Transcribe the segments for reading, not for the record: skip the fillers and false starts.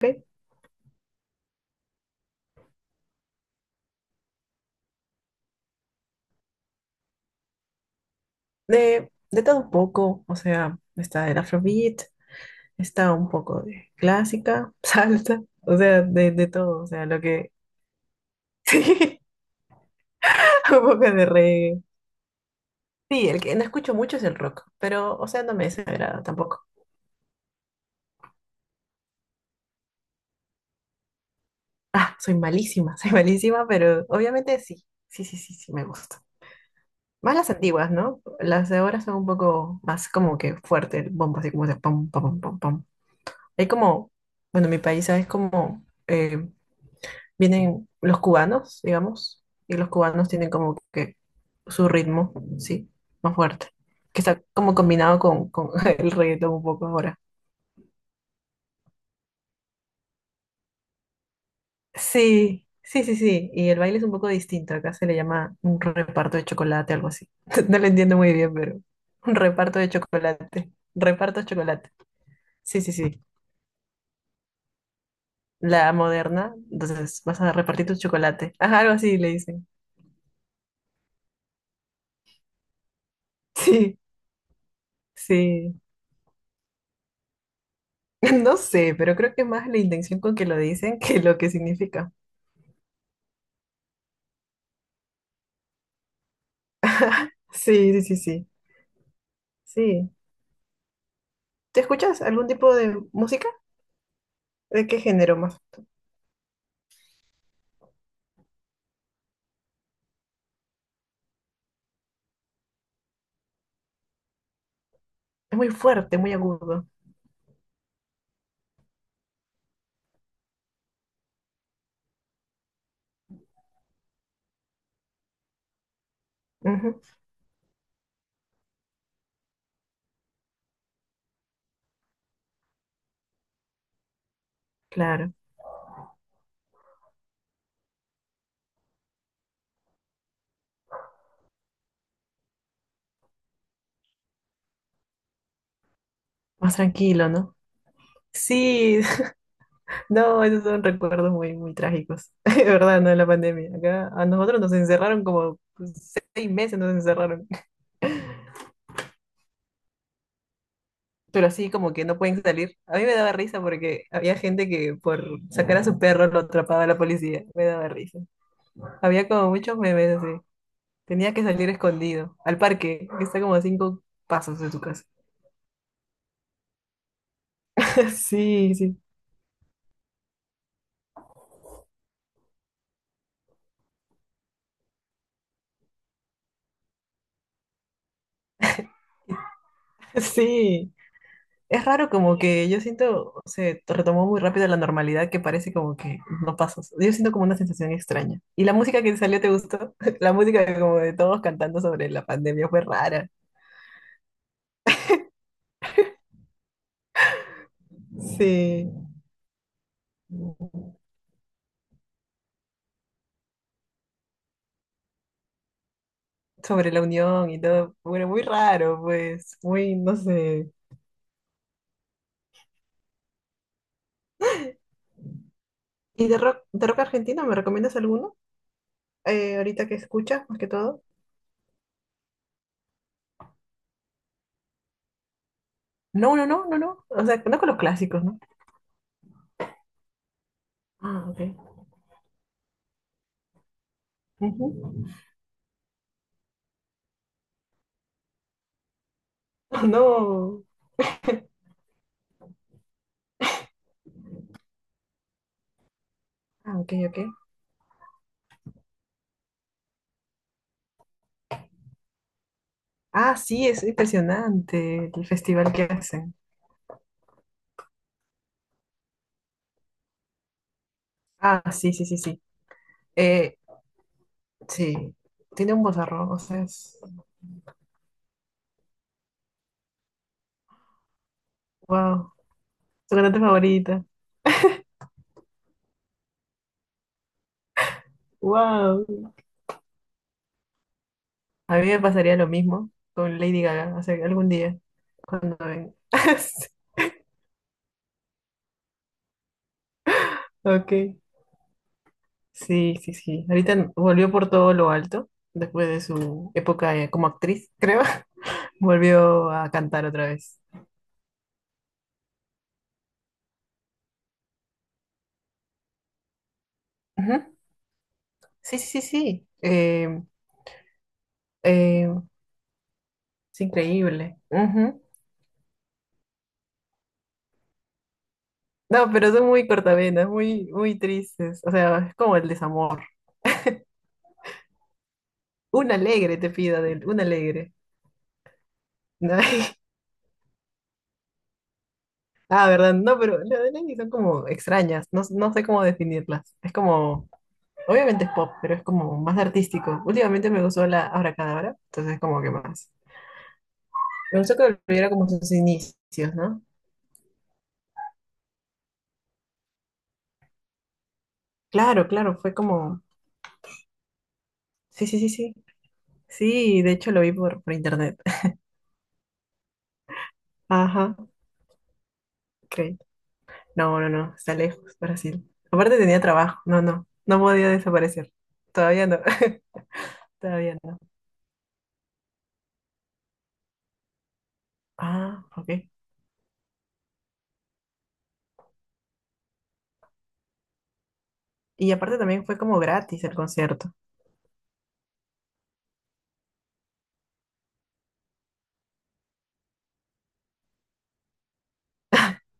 De, de, todo un poco, o sea, está el afrobeat, está un poco de clásica, salsa, o sea, de todo, o sea, lo que... Sí, un poco de reggae. Sí, el que no escucho mucho es el rock, pero, o sea, no me desagrada tampoco. Ah, soy malísima, soy malísima, pero obviamente sí, sí, sí, sí, sí, me gusta. Más las antiguas, ¿no? Las de ahora son un poco más como que fuerte el bombo, así como de pom pom pom pom pam. Hay como, bueno, en mi país es como... vienen los cubanos, digamos, y los cubanos tienen como que su ritmo, sí, más fuerte, que está como combinado con, el reggaetón un poco ahora. Sí, sí, sí, sí, y el baile es un poco distinto, acá se le llama un reparto de chocolate, algo así. No lo entiendo muy bien, pero un reparto de chocolate, reparto de chocolate. Sí, sí, sí, la moderna, entonces vas a repartir tu chocolate. Ajá, algo así le dicen. Sí, sí. No sé, pero creo que más la intención con que lo dicen que lo que significa. Sí, sí, sí, sí. Sí. ¿Te escuchas algún tipo de música? ¿De qué género más? Es muy fuerte, muy agudo. Ujú. Claro, más tranquilo, ¿no? Sí, no, esos son recuerdos muy, muy trágicos. De verdad, no de la pandemia. Acá a nosotros nos encerraron como pues, 6 meses, nos encerraron. Pero así como que no pueden salir. A mí me daba risa porque había gente que por sacar a su perro lo atrapaba la policía. Me daba risa. Había como muchos memes así. Tenía que salir escondido al parque, que está como a 5 pasos de tu casa. Sí, sí, sí. Es raro como que yo siento, se retomó muy rápido la normalidad que parece como que no pasas. Yo siento como una sensación extraña. ¿Y la música que salió te gustó? La música de como de todos cantando sobre la pandemia fue rara. Sí. Sobre la unión y todo. Bueno, muy raro, pues. Muy, no sé. ¿Y de rock, argentino me recomiendas alguno? ¿Ahorita que escuchas, más que todo? No, no, no, no, no. O sea, no con los clásicos, ¿no? Ah, ok. Ujú. No. Ah, ok, ok. Ah, sí, es impresionante el festival que hacen. Ah, sí, sí, sí, sí. Eh, sí, tiene un bozarrón, o sea, es... Wow, su cantante favorita. Wow. A mí me pasaría lo mismo con Lady Gaga, o sea, algún día, cuando venga. Ok. Sí, sí, sí. Ahorita volvió por todo lo alto, después de su época como actriz, creo. Volvió a cantar otra vez. Ujú. Sí, sí, sí, sí. Eh, es increíble. Ujú. No, pero son muy cortavenas, muy, muy tristes. O sea, es como el desamor. Un alegre te pida de él, un alegre. Ah, ¿verdad? No, pero las de Lenny son como extrañas. No, no sé cómo definirlas. Es como... Obviamente es pop, pero es como más artístico. Últimamente me gustó la Abracadabra, entonces como que más. Me gustó que volviera como sus inicios, ¿no? Claro, claro, fue como... Sí, sí, sí, sí. Sí, de hecho lo vi por, internet. Ajá, ok. No, no, no, está lejos, Brasil. Aparte tenía trabajo, no, no, no podía desaparecer. Todavía no, todavía no. Ah, ok. Y aparte también fue como gratis el concierto.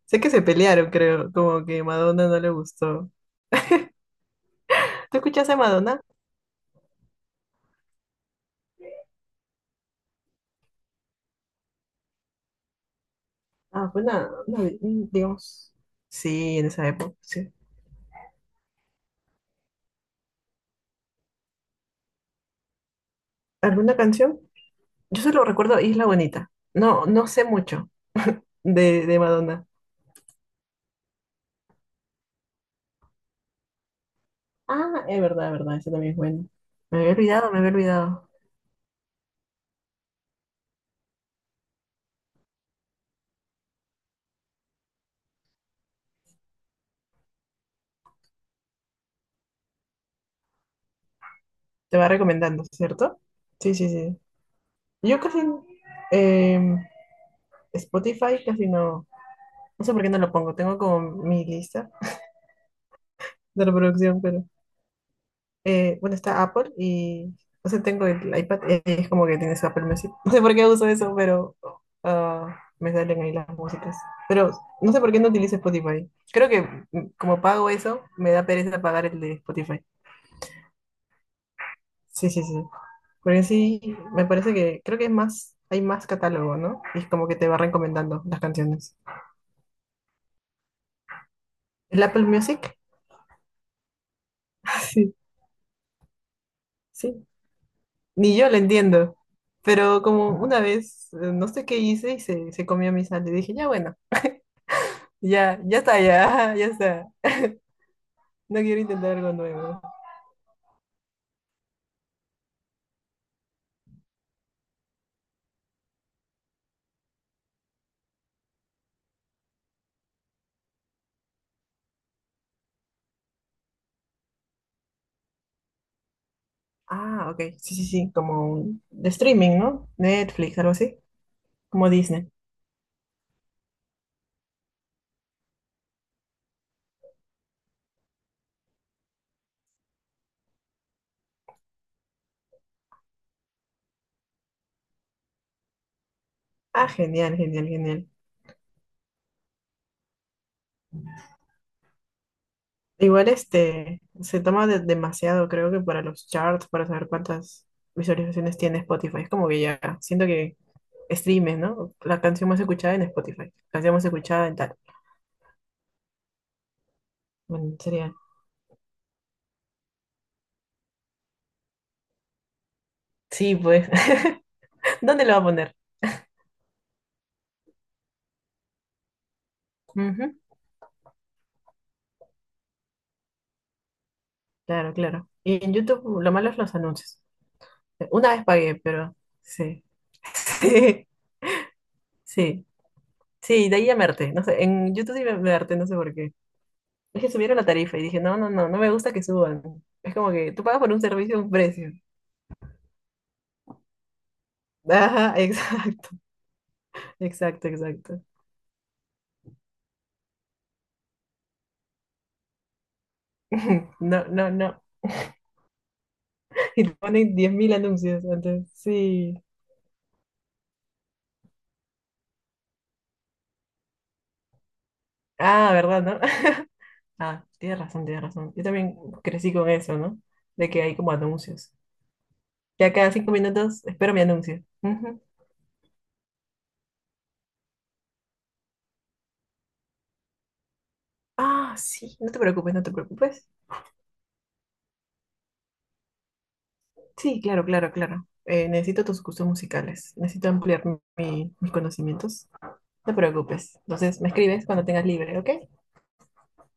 Sé que se pelearon, creo, como que Madonna no le gustó. ¿Tú escuchaste a Madonna? Ah, fue una, digamos, sí, en esa época, sí. ¿Alguna canción? Yo solo recuerdo Isla Bonita. No, no sé mucho de, Madonna. Ah, es verdad, eso también es bueno. Me había olvidado, me había olvidado. Te va recomendando, ¿cierto? Sí, sí, sí. Yo casi, em, Spotify casi no, no sé por qué no lo pongo. Tengo como mi lista de reproducción, pero... bueno, está Apple y, o sea, tengo el iPad y es como que tienes Apple Music. No sé por qué uso eso, pero ah, me salen ahí las músicas. Pero no sé por qué no utilizo Spotify. Creo que como pago eso, me da pereza pagar el de Spotify. Sí, sí, sí. Porque sí, me parece que creo que es más, hay más catálogo, ¿no? Y es como que te va recomendando las canciones. ¿El Apple Music? Sí, sí. Ni yo lo entiendo. Pero como una vez, no sé qué hice y se comió mi sal, y dije, ya bueno. Ya, ya está, ya, ya está. No quiero intentar algo nuevo. Ah, ok. Sí, sí, sí. Como de streaming, ¿no? Netflix, algo así. Como Disney. Ah, genial, genial, genial. Igual este se toma demasiado, creo que para los charts, para saber cuántas visualizaciones tiene Spotify. Es como que ya siento que streames, ¿no? La canción más escuchada en Spotify. Canción más escuchada en tal. Bueno, sería. Sí, pues. ¿Dónde lo va a poner? Ujú. Claro, claro. Y en YouTube lo malo es los anuncios. Una vez pagué, pero sí. Sí, sí, sí, de ahí a Merte no sé, en YouTube sí me harté, no sé por qué. Es que subieron la tarifa y dije, no, no, no, no me gusta que suban. Es como que tú pagas por un servicio a un precio. Ajá, exacto, exacto, exacto. No, no, no. Y te ponen 10.000 anuncios antes, sí. Ah, ¿verdad, no? Ah, tienes razón, tienes razón. Yo también crecí con eso, ¿no? De que hay como anuncios. Ya cada 5 minutos espero mi anuncio. Ah, sí, no te preocupes, no te preocupes. Sí, claro, claro, claro. Necesito tus gustos musicales. Necesito ampliar mis conocimientos. No te preocupes. Entonces, me escribes cuando tengas libre, ¿ok?